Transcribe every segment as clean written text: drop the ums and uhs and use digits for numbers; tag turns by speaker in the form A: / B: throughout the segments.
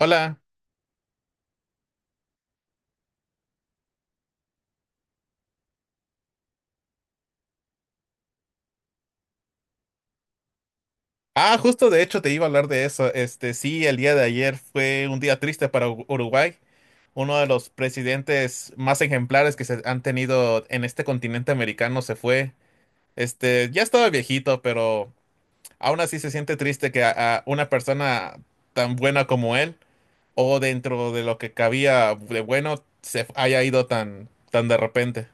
A: Hola. Ah, justo de hecho te iba a hablar de eso. Este, sí, el día de ayer fue un día triste para Uruguay, uno de los presidentes más ejemplares que se han tenido en este continente americano se fue. Este, ya estaba viejito, pero aún así se siente triste que a una persona tan buena como él, o dentro de lo que cabía de bueno, se haya ido tan de repente.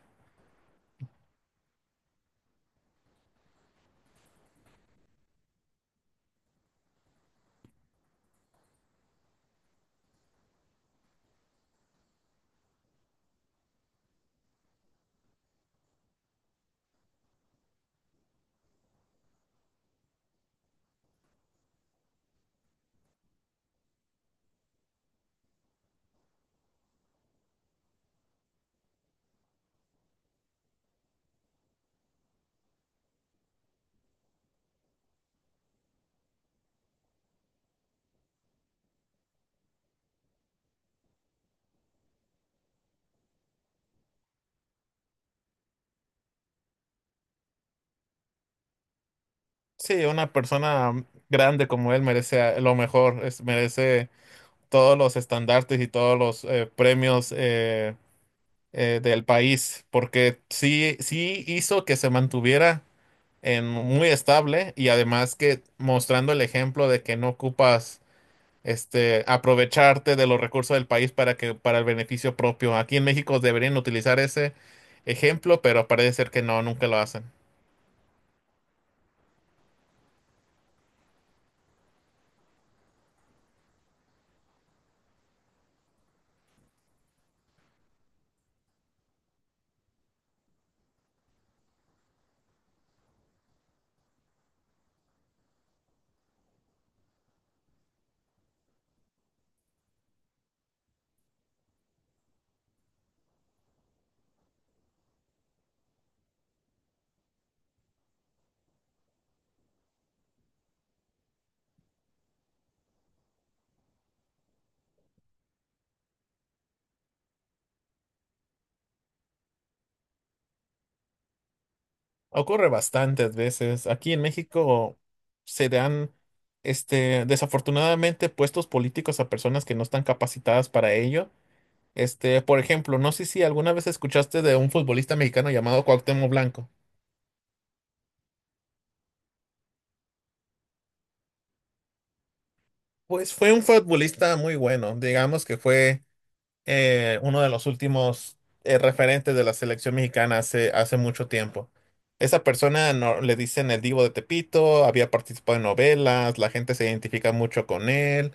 A: Sí, una persona grande como él merece, lo mejor, merece todos los estandartes y todos los premios del país, porque sí, sí hizo que se mantuviera en muy estable y además que mostrando el ejemplo de que no ocupas este aprovecharte de los recursos del país para que para el beneficio propio. Aquí en México deberían utilizar ese ejemplo, pero parece ser que no, nunca lo hacen. Ocurre bastantes veces. Aquí en México se dan, este, desafortunadamente, puestos políticos a personas que no están capacitadas para ello. Este, por ejemplo, no sé si alguna vez escuchaste de un futbolista mexicano llamado Cuauhtémoc Blanco. Pues fue un futbolista muy bueno, digamos que fue. Uno de los últimos referentes de la selección mexicana hace mucho tiempo. Esa persona no, le dicen el Divo de Tepito, había participado en novelas, la gente se identifica mucho con él,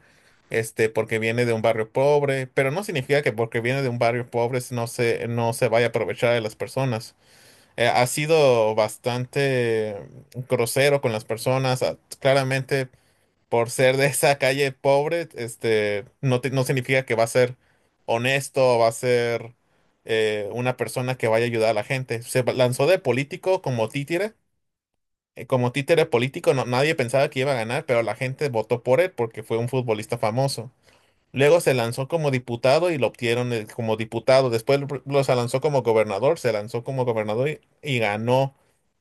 A: este, porque viene de un barrio pobre, pero no significa que porque viene de un barrio pobre no se vaya a aprovechar de las personas. Ha sido bastante grosero con las personas, claramente por ser de esa calle pobre, este, no, no significa que va a ser honesto, va a ser una persona que vaya a ayudar a la gente. Se lanzó de político como títere político, nadie pensaba que iba a ganar, pero la gente votó por él porque fue un futbolista famoso. Luego se lanzó como diputado y lo obtieron como diputado. Después se lanzó como gobernador, se lanzó como gobernador y ganó.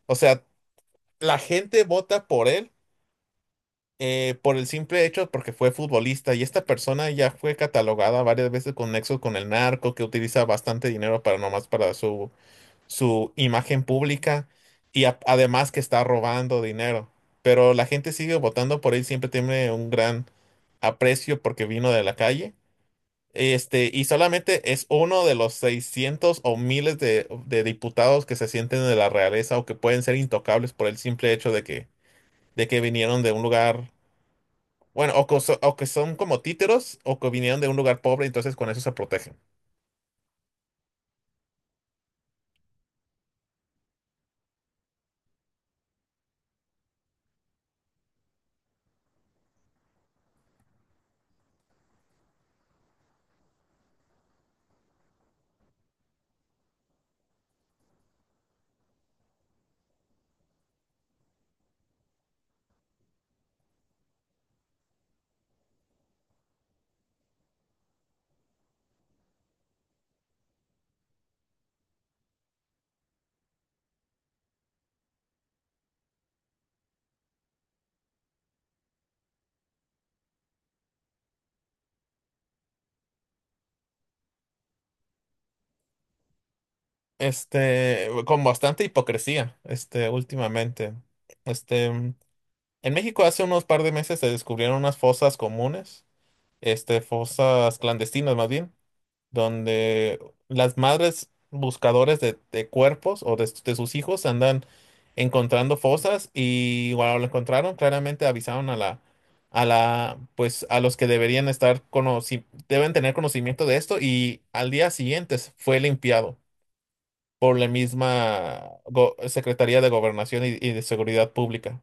A: O sea, la gente vota por él, por el simple hecho porque fue futbolista y esta persona ya fue catalogada varias veces con nexos con el narco, que utiliza bastante dinero para nomás para su imagen pública y además que está robando dinero. Pero la gente sigue votando por él, siempre tiene un gran aprecio porque vino de la calle. Este, y solamente es uno de los 600 o miles de diputados que se sienten de la realeza o que pueden ser intocables por el simple hecho de que vinieron de un lugar bueno, o que son como títeros o que vinieron de un lugar pobre, entonces con eso se protegen. Este, con bastante hipocresía, este, últimamente. Este, en México hace unos par de meses se descubrieron unas fosas comunes, este, fosas clandestinas más bien, donde las madres buscadoras de cuerpos o de sus hijos andan encontrando fosas y cuando lo encontraron, claramente avisaron a la, pues a los que deberían estar deben tener conocimiento de esto y al día siguiente fue limpiado por la misma Secretaría de Gobernación y de Seguridad Pública.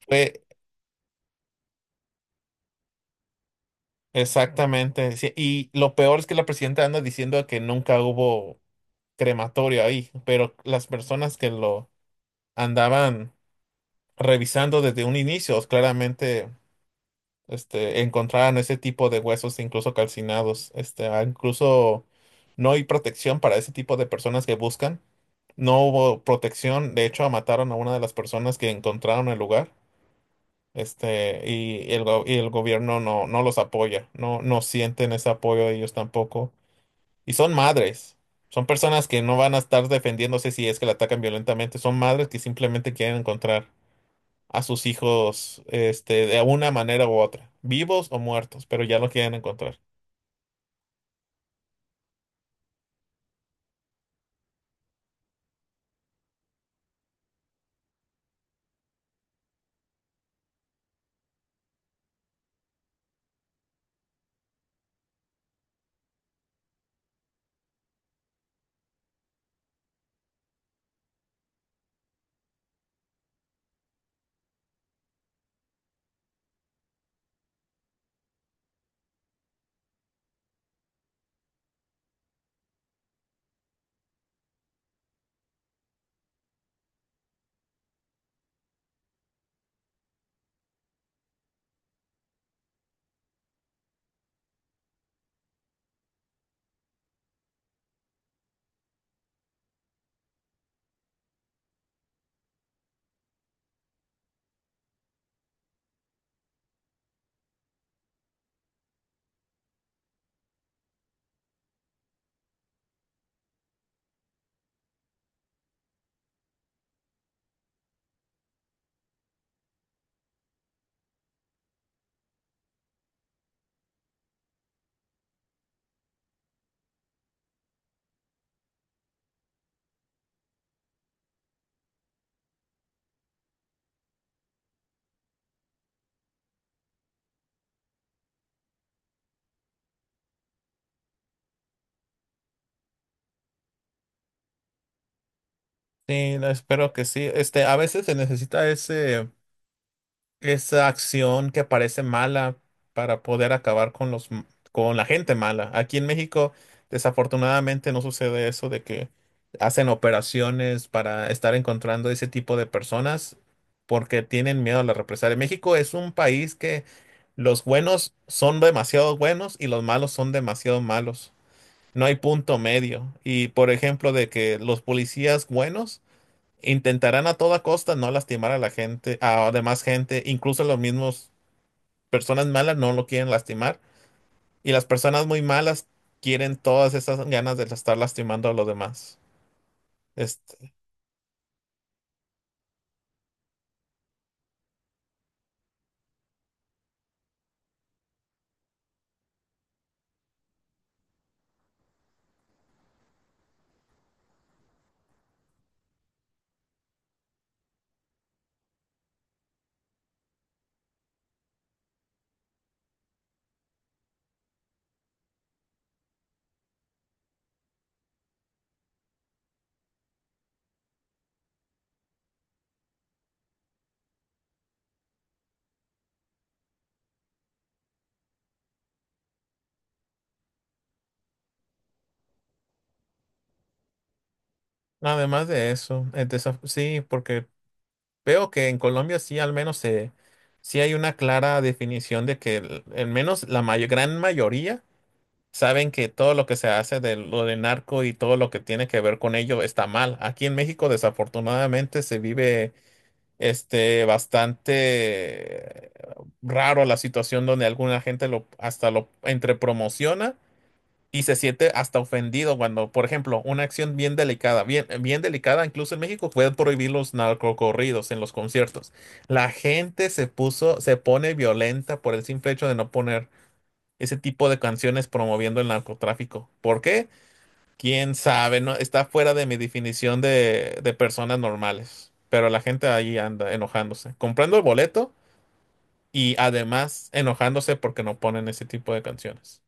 A: Fue exactamente, sí, y lo peor es que la presidenta anda diciendo que nunca hubo crematorio ahí, pero las personas que lo andaban revisando desde un inicio, claramente, este, encontraron ese tipo de huesos incluso calcinados. Este, incluso no hay protección para ese tipo de personas que buscan. No hubo protección, de hecho mataron a una de las personas que encontraron el lugar. Este, y el gobierno no, no los apoya, no, no sienten ese apoyo ellos tampoco. Y son madres. Son personas que no van a estar defendiéndose si es que la atacan violentamente. Son madres que simplemente quieren encontrar a sus hijos, este, de una manera u otra, vivos o muertos, pero ya lo quieren encontrar. Sí, no, espero que sí. Este, a veces se necesita ese. Esa acción que parece mala para poder acabar con con la gente mala. Aquí en México, desafortunadamente, no sucede eso de que hacen operaciones para estar encontrando ese tipo de personas porque tienen miedo a la represalia. México es un país que los buenos son demasiado buenos y los malos son demasiado malos. No hay punto medio. Y por ejemplo, de que los policías buenos intentarán a toda costa no lastimar a la gente, a demás gente, incluso los mismos personas malas no lo quieren lastimar y las personas muy malas quieren todas esas ganas de estar lastimando a los demás. Este, además de eso, sí, porque veo que en Colombia sí al menos sí hay una clara definición de que al menos la gran mayoría saben que todo lo que se hace de lo de narco y todo lo que tiene que ver con ello está mal. Aquí en México desafortunadamente se vive, este, bastante raro la situación donde alguna gente lo hasta lo entre promociona y se siente hasta ofendido cuando, por ejemplo, una acción bien delicada, bien, bien delicada, incluso en México pueden prohibir los narcocorridos en los conciertos. La gente se pone violenta por el simple hecho de no poner ese tipo de canciones promoviendo el narcotráfico. ¿Por qué? Quién sabe, no, está fuera de mi definición de personas normales. Pero la gente ahí anda enojándose, comprando el boleto y además enojándose porque no ponen ese tipo de canciones.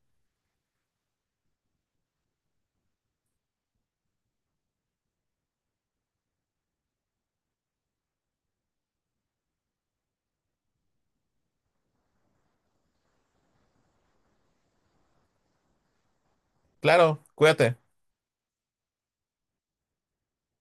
A: Claro, cuídate.